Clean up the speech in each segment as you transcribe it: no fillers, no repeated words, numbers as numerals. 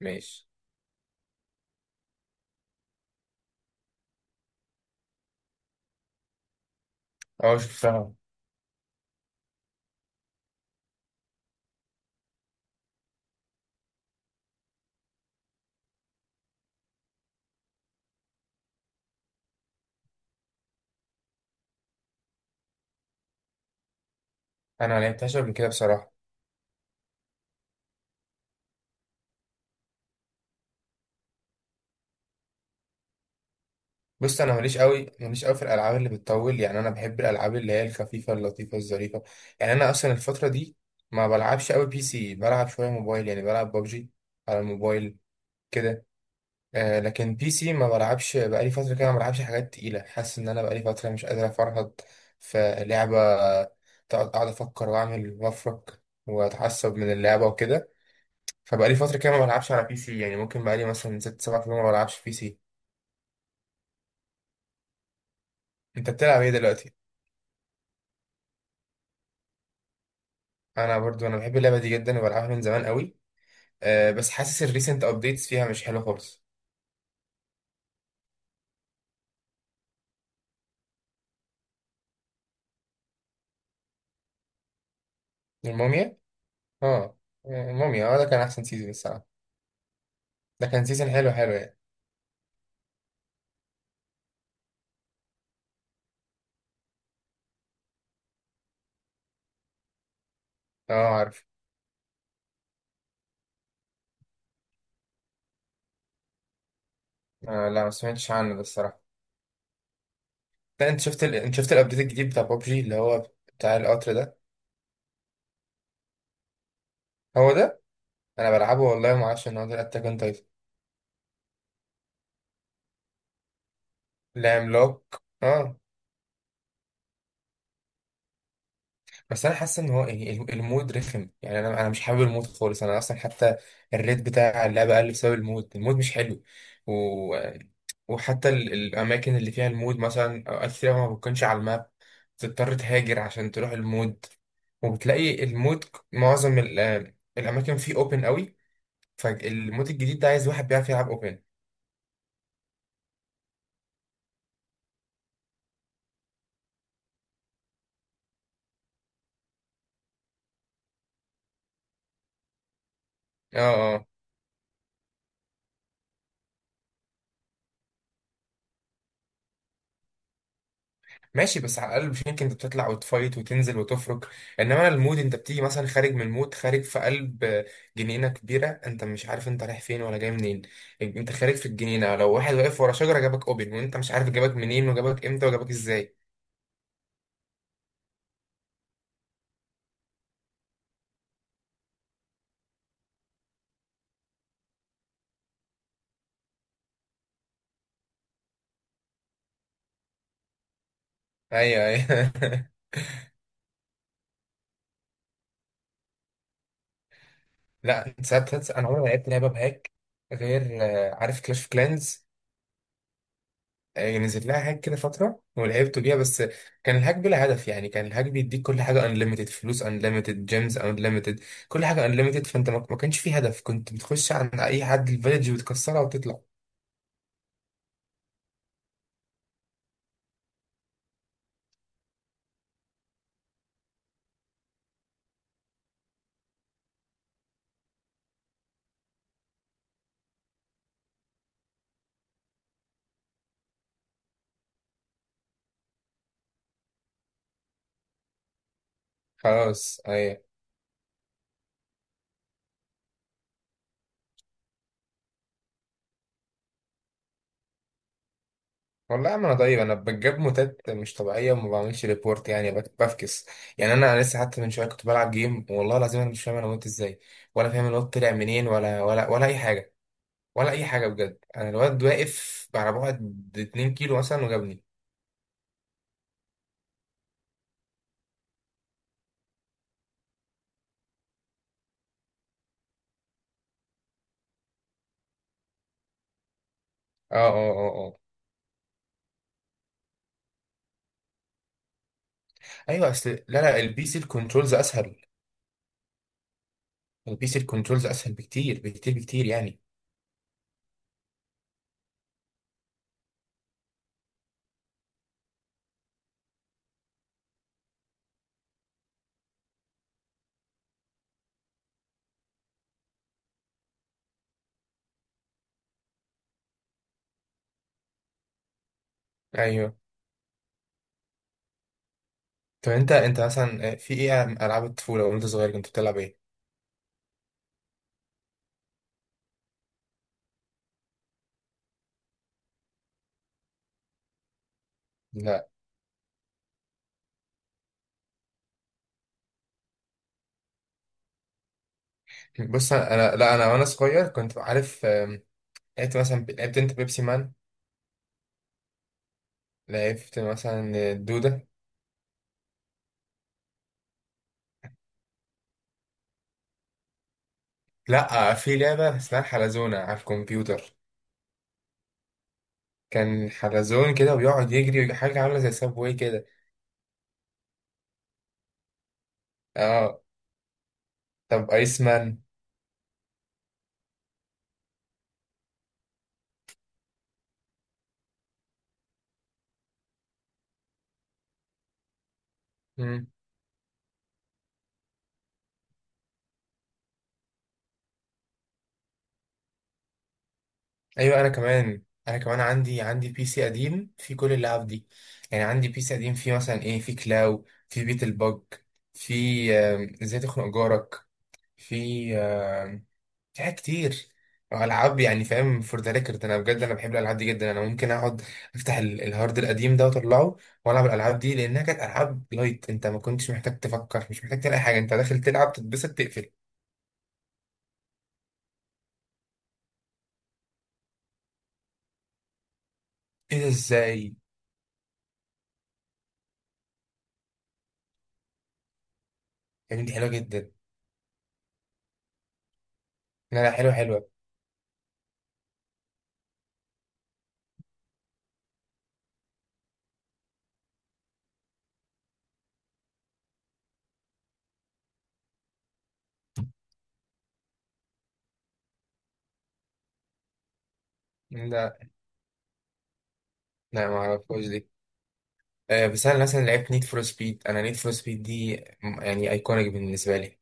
ماشي. اه، شفتها. انا ما لعبتهاش قبل كده بصراحه. بص، انا ماليش قوي في الالعاب اللي بتطول، يعني انا بحب الالعاب اللي هي الخفيفه اللطيفه الظريفه. يعني انا اصلا الفتره دي ما بلعبش قوي بي سي، بلعب شويه موبايل، يعني بلعب ببجي على الموبايل كده. لكن بي سي ما بلعبش بقالي فتره كده، ما بلعبش حاجات تقيله. حاسس ان انا بقالي فتره مش قادر افرهد في لعبه، اقعد افكر واعمل وافرك واتعصب من اللعبه وكده. فبقالي فترة كده ما بلعبش على بي سي، يعني ممكن بقالي مثلا ست سبع شهور ما بلعبش بي سي. انت بتلعب ايه دلوقتي؟ انا برضو انا بحب اللعبة دي جدا وبلعبها من زمان قوي. أه، بس حاسس الريسنت ابديتس فيها مش حلو خالص. الموميا؟ اه، الموميا، اه ده كان احسن سيزون الصراحة. ده كان سيزون حلو حلو يعني. اه، عارف. آه، لا، ما سمعتش عنه ده الصراحة. ده انت شفت انت شفت الابديت الجديد بتاع بابجي اللي هو بتاع القطر ده. هو ده؟ انا بلعبه والله ما اعرفش ان هو ده الاتاك اون تايتن. لا، عملاق. اه، بس انا حاسس ان هو يعني المود رخم، يعني انا مش حابب المود خالص. انا اصلا حتى الريت بتاع اللعبه قل بسبب المود. المود مش حلو و... وحتى الاماكن اللي فيها المود مثلا اوقات كتير ما بتكونش على الماب. بتضطر تهاجر عشان تروح المود. وبتلاقي المود معظم ال... آه، الاماكن فيه اوبن قوي. فالمود الجديد ده عايز واحد بيعرف يلعب اوبن. اه، آه. ماشي، بس على الاقل مش يمكن انت بتطلع وتفايت وتنزل وتفرك. انما انا المود انت بتيجي مثلا خارج من المود، خارج في قلب جنينه كبيره، انت مش عارف انت رايح فين ولا جاي منين. انت خارج في الجنينه، لو واحد واقف ورا شجره جابك اوبن وانت مش عارف جابك منين وجابك امتى وجابك ازاي. ايوه، ايوه. لا، انت انا عمري ما لعبت لعبه بهاك غير عارف كلاش اوف كلانز. نزل لها هاك كده فترة ولعبت بيها. بس كان الهاك بلا هدف، يعني كان الهاك بيديك كل حاجة انليمتد، فلوس انليمتد، جيمز انليمتد، كل حاجة انليمتد. فانت ما كانش فيه هدف، كنت بتخش عند اي حد الفيلج وتكسرها وتطلع. خلاص، ايوه. والله يا عم، انا طيب انا بجيب موتات مش طبيعيه وما بعملش ريبورت، يعني بفكس. يعني انا لسه حتى من شويه كنت بلعب جيم، والله العظيم انا مش فاهم انا وقت ازاي، ولا فاهم الواد طلع منين ولا اي حاجه، ولا اي حاجه بجد. انا الواد واقف على بعد 2 كيلو مثلا وجابني. اه، اه، اه، اه. ايوه، اصل لا لا، البي سي الكنترولز اسهل. البي سي الكنترولز اسهل بكتير بكتير بكتير يعني. ايوه. طب انت مثلا في ايه؟ العاب الطفوله وانت صغير كنت بتلعب ايه؟ لا، بص، انا لا انا وانا صغير كنت عارف، لعبت مثلا، لعبت انت بيبسي مان، لعبت مثلا الدوده. لا، في لعبه اسمها الحلزونه على الكمبيوتر. كان حلزون كده ويقعد يجري، حاجه عامله زي سابواي كده. اه. طب ايس مان؟ ايوه. انا كمان، انا كمان عندي بي سي قديم فيه كل اللعب دي. يعني عندي بي سي قديم فيه مثلا ايه؟ فيه كلاو، فيه بيت البج، فيه ازاي تخنق جارك، فيه آم، في حاجات كتير. العاب يعني فاهم؟ فور ذا ريكورد انا بجد انا بحب الالعاب دي جدا. انا ممكن اقعد افتح الهارد القديم ده واطلعه والعب الالعاب دي، لانها كانت العاب لايت، انت ما كنتش محتاج تفكر، مش محتاج تعمل اي حاجه، انت داخل تلعب تتبسط تقفل. ايه ده؟ ازاي؟ يا بنتي، حلوه جدا. لا لا، حلوه حلوه. لا لا، ما اعرفهاش دي. بس انا مثلا لعبت نيد فور سبيد. انا نيد فور سبيد دي يعني ايكونيك بالنسبه لي.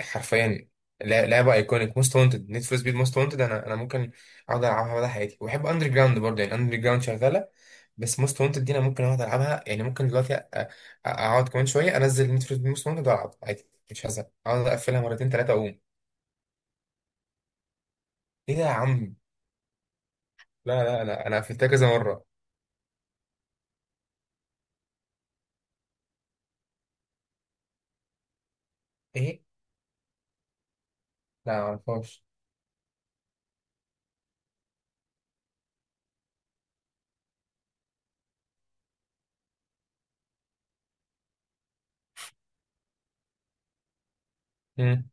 حرفيا لعبه ايكونيك، موست وانتد، نيد فور سبيد موست وانتد. انا ممكن اقعد العبها مدى حياتي. وبحب اندر جراوند برضه، يعني اندر جراوند شغاله. بس موست وانتد دي انا ممكن اقعد العبها، يعني ممكن دلوقتي اقعد كمان شويه، انزل نيد فور سبيد موست وانتد والعب عادي، مش هزهق اقعد اقفلها مرتين ثلاثه اقوم. ايه ده يا عم؟ لا لا لا، انا قفلتها كذا مره. ايه؟ لا، معرفهاش. مم.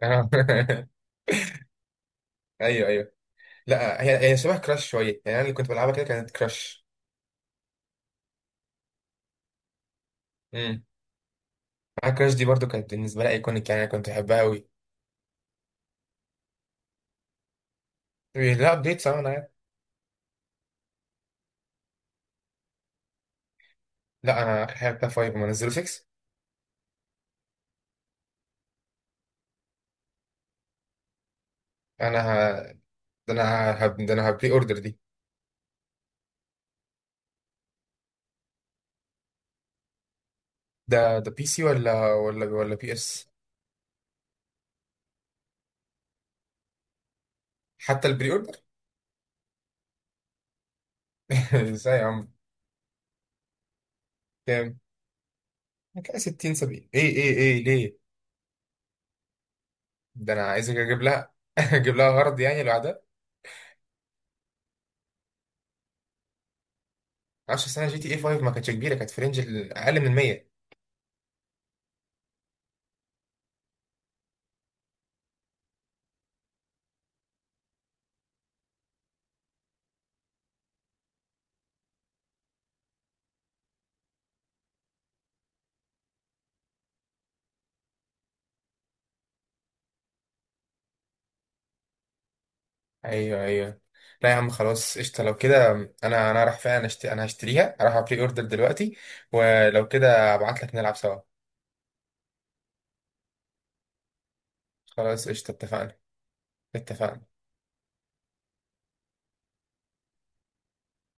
ايوه، ايوه. لا، هي شبه كراش شويه، يعني انا اللي كنت بلعبها كده كانت كراش. امم. معايا كراش دي برضو كانت بالنسبه لي ايكونيك، يعني انا كنت بحبها قوي. لا، ابديت صح. انا عارف. لا، انا الحقيقه بتاع 5، ما نزلوا 6. انا ه... ده انا ه... هب- ده انا هبري اوردر دي. ده بي سي ولا بي اس؟ حتى البري اوردر؟ ازاي يا عم؟ كام؟ كده 60، 70، ايه ليه؟ ده انا عايز اجيب لها اجيب لها غرض يعني لوحدها. 10 سنه، جي تي اي 5 ما كانتش كبيره، كانت في رينج اقل من 100. ايوه، ايوه. لا يا عم، خلاص، قشطه لو كده. انا راح فعلا أشتري، انا هشتريها، راح ابري اوردر دلوقتي. ولو كده ابعت لك نلعب سوا. خلاص، قشطه اتفقنا. اتفقنا.